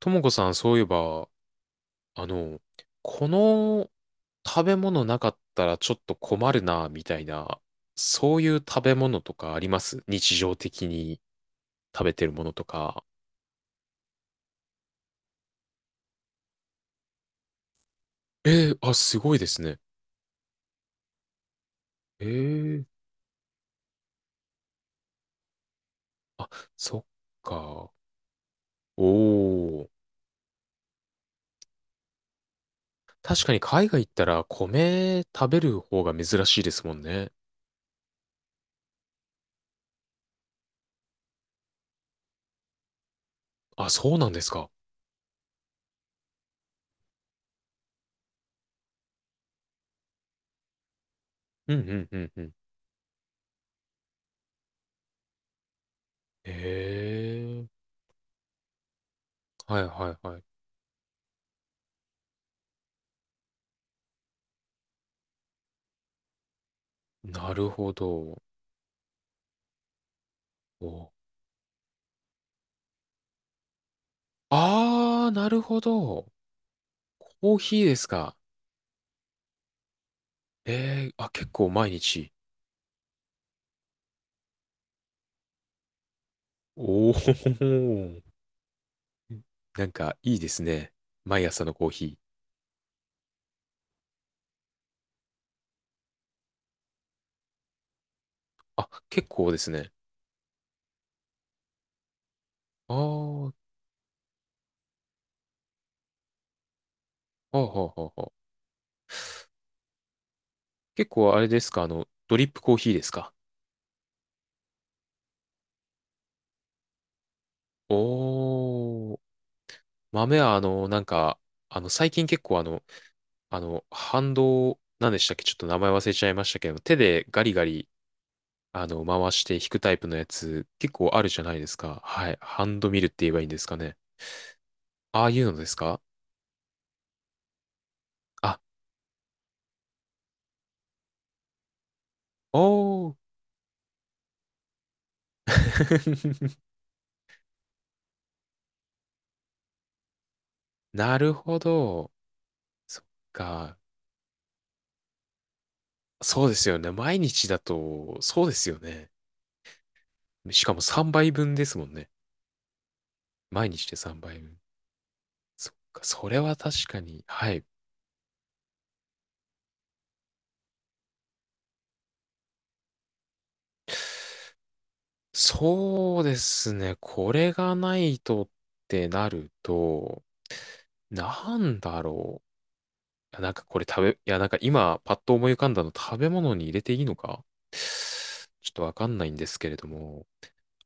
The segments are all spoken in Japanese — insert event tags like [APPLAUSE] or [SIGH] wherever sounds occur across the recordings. ともこさん、そういえば、あの、この食べ物なかったらちょっと困るな、みたいな、そういう食べ物とかあります、日常的に食べてるものとか？えー、あ、すごいですね。えー、あ、そっか。おー。確かに海外行ったら米食べる方が珍しいですもんね。あ、そうなんですか。うんうんうんうん。えー、はいはいはい。なるほど。おああ、なるほど。コーヒーですか。ええ、あ、結構毎日。おお、なんかいいですね。毎朝のコーヒー。あ、結構ですね。ああ、はあはあはあはあ。結構あれですか、ドリップコーヒーですか。おー、豆は最近結構ハンド、なんでしたっけ、ちょっと名前忘れちゃいましたけど、手でガリガリ回して引くタイプのやつ、結構あるじゃないですか。はい。ハンドミルって言えばいいんですかね。ああいうのですかあ？おー。[LAUGHS] なるほど。そっか。そうですよね。毎日だと、そうですよね。しかも3倍分ですもんね。毎日で3倍分。そっか。それは確かに。はい。そうですね。これがないとってなると、なんだろう。いや、なんかこれ食べ、いや、なんか今、パッと思い浮かんだの食べ物に入れていいのか、 [SIGHS] ちょっとわかんないんですけれども、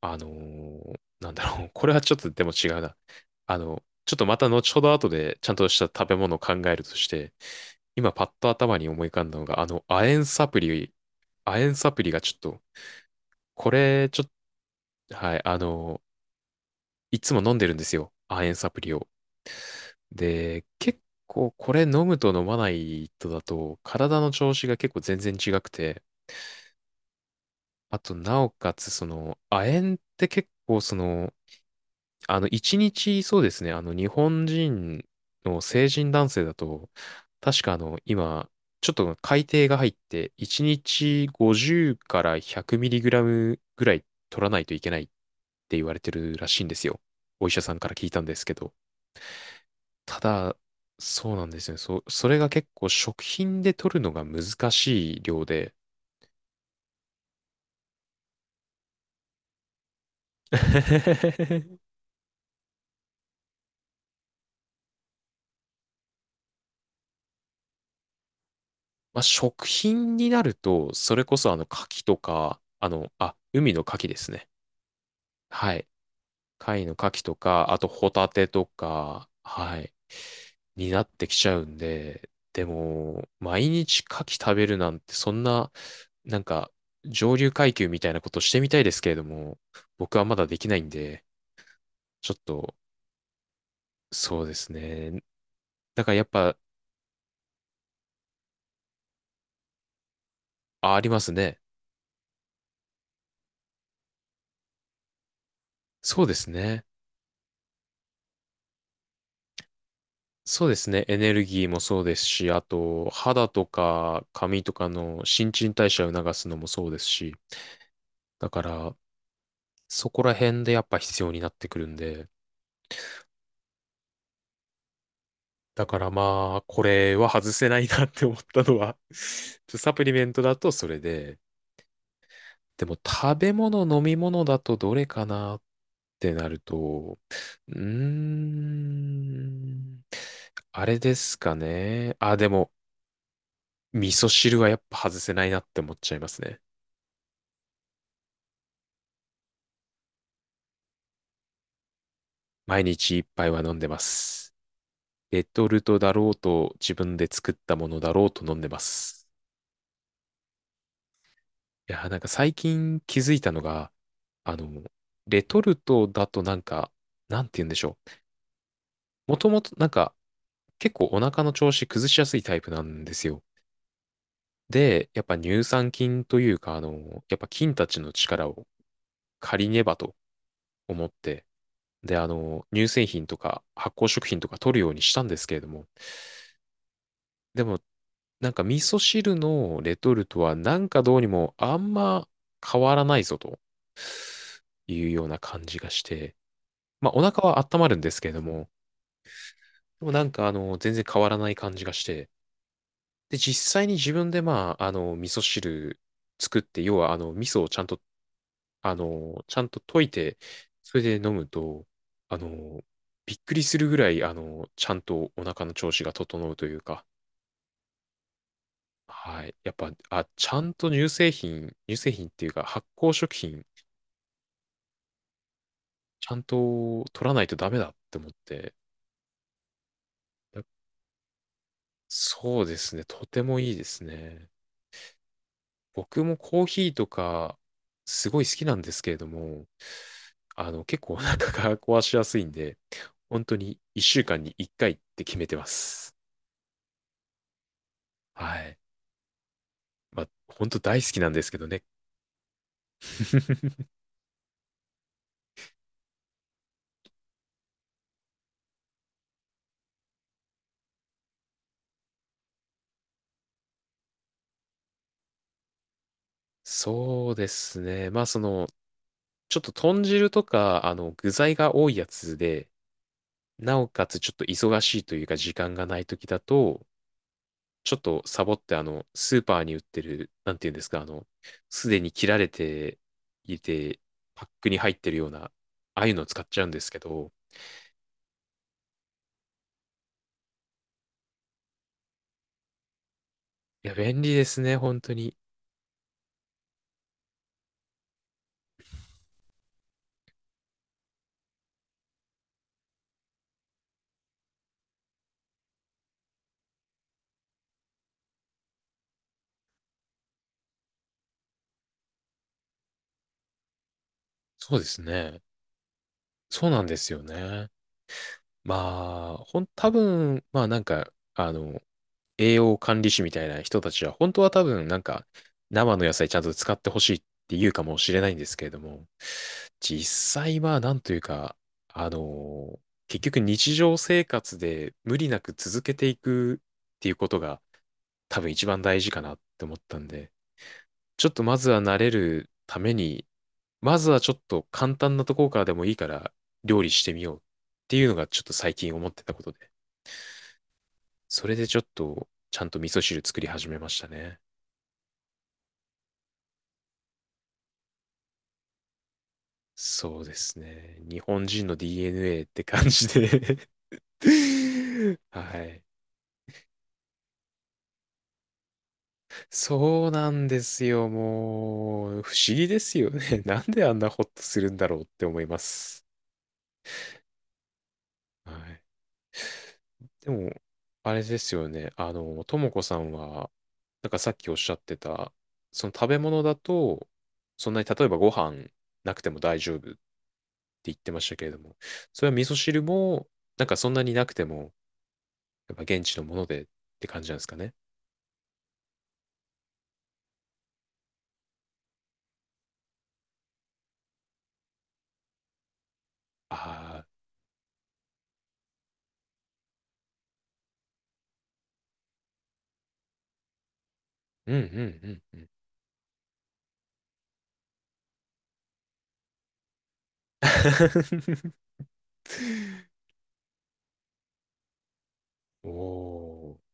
なんだろう。[LAUGHS] これはちょっとでも違うな。ちょっとまた後ほど後でちゃんとした食べ物を考えるとして、今パッと頭に思い浮かんだのが、亜鉛サプリ、亜鉛サプリがちょっと、これ、ちょっと、はい、いつも飲んでるんですよ、亜鉛サプリを。で、結構これ飲むと飲まないとだと、体の調子が結構全然違くて、あと、なおかつ、その、亜鉛って結構、その、一日、そうですね、日本人の成人男性だと、確か今、ちょっと改定が入って、一日50から100ミリグラムぐらい取らないといけないって言われてるらしいんですよ。お医者さんから聞いたんですけど。ただ、そうなんですよね。そう、それが結構食品で取るのが難しい量で、[LAUGHS] まあ、食品になると、それこそ牡蠣とか、あ、海の牡蠣ですね。はい。貝の牡蠣とか、あとホタテとか、はい、になってきちゃうんで、でも、毎日牡蠣食べるなんて、そんな、なんか、上流階級みたいなことしてみたいですけれども、僕はまだできないんで、ちょっと、そうですね。だからやっぱ、あ、ありますね。そうですね。そうですね。エネルギーもそうですし、あと、肌とか髪とかの新陳代謝を促すのもそうですし、だから、そこら辺でやっぱ必要になってくるんで、だからまあ、これは外せないなって思ったのは [LAUGHS] ちょっとサプリメントだとそれで、でも食べ物、飲み物だとどれかなってなると、うーん、あれですかね。あ、でも、味噌汁はやっぱ外せないなって思っちゃいますね。毎日一杯は飲んでます。レトルトだろうと自分で作ったものだろうと飲んでます。いやー、なんか最近気づいたのが、あの、レトルトだとなんか、なんて言うんでしょう。もともとなんか結構お腹の調子崩しやすいタイプなんですよ。で、やっぱ乳酸菌というか、やっぱ菌たちの力を借りねばと思って、で、乳製品とか発酵食品とか取るようにしたんですけれども、でも、なんか味噌汁のレトルトはなんかどうにもあんま変わらないぞというような感じがして、まあお腹は温まるんですけれども、でもなんか全然変わらない感じがして、で実際に自分でまあ味噌汁作って、要は味噌をちゃんとちゃんと溶いて、それで飲むと、あのびっくりするぐらいちゃんとお腹の調子が整うというか、はい。やっぱ、あ、ちゃんと乳製品、乳製品っていうか発酵食品、ちゃんと取らないとダメだって思って。だそうですね。とてもいいですね。僕もコーヒーとか、すごい好きなんですけれども、結構お腹が壊しやすいんで、本当に1週間に1回って決めてます。はい。まあ、本当大好きなんですけどね。[LAUGHS] そうですね。まあ、その、ちょっと豚汁とか、具材が多いやつで、なおかつちょっと忙しいというか時間がない時だと、ちょっとサボってスーパーに売ってる、なんていうんですか、すでに切られていて、パックに入ってるような、ああいうのを使っちゃうんですけど、いや、便利ですね、本当に。そうですね。そうなんですよね。まあ、多分、まあなんか、栄養管理士みたいな人たちは、本当は多分なんか生の野菜ちゃんと使ってほしいって言うかもしれないんですけれども、実際はなんというか、あのー結局日常生活で無理なく続けていくっていうことが多分一番大事かなって思ったんで、ちょっとまずは慣れるために、まずはちょっと簡単なところからでもいいから料理してみようっていうのがちょっと最近思ってたことで、それでちょっとちゃんと味噌汁作り始めましたね。そうですね。日本人の DNA って感じで [LAUGHS] はい。そうなんですよ。もう、不思議ですよね。[LAUGHS] なんであんなホッとするんだろうって思います。はい。でも、あれですよね。ともこさんは、なんかさっきおっしゃってた、その食べ物だと、そんなに例えばご飯なくても大丈夫って言ってましたけれども、それは味噌汁も、なんかそんなになくても、やっぱ現地のものでって感じなんですかね。ああ、うんうんうんうん。[LAUGHS] おー。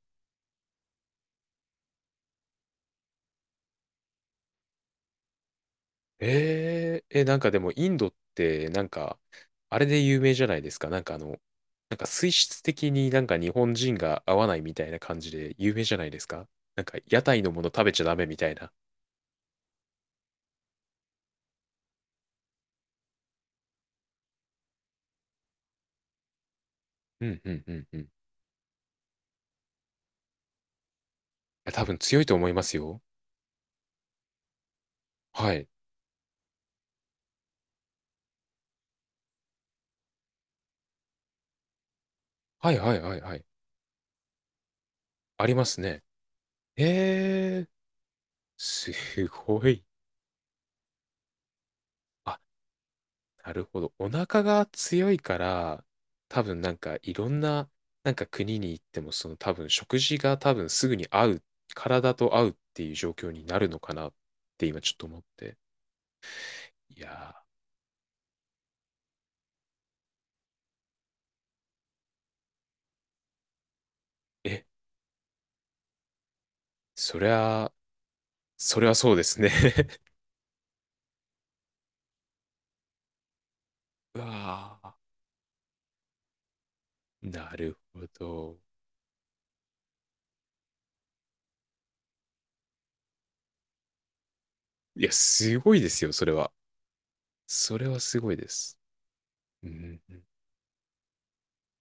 えー、え、なんかでもインドって、なんか、あれで有名じゃないですか。なんかなんか水質的になんか日本人が合わないみたいな感じで有名じゃないですか。なんか屋台のもの食べちゃダメみたいな。うんうんうんうん。いや多分強いと思いますよ。はい。はいはいはいはい。ありますね。えー、すごい。あ、なるほど。お腹が強いから、多分なんかいろんな、なんか国に行っても、その多分食事が多分すぐに合う、体と合うっていう状況になるのかなって今ちょっと思って。いやー、え、そりゃ、そりゃそうですね。 [LAUGHS] うわあ、[LAUGHS] なるほど。いや、すごいですよ、それは。それはすごいです。うん。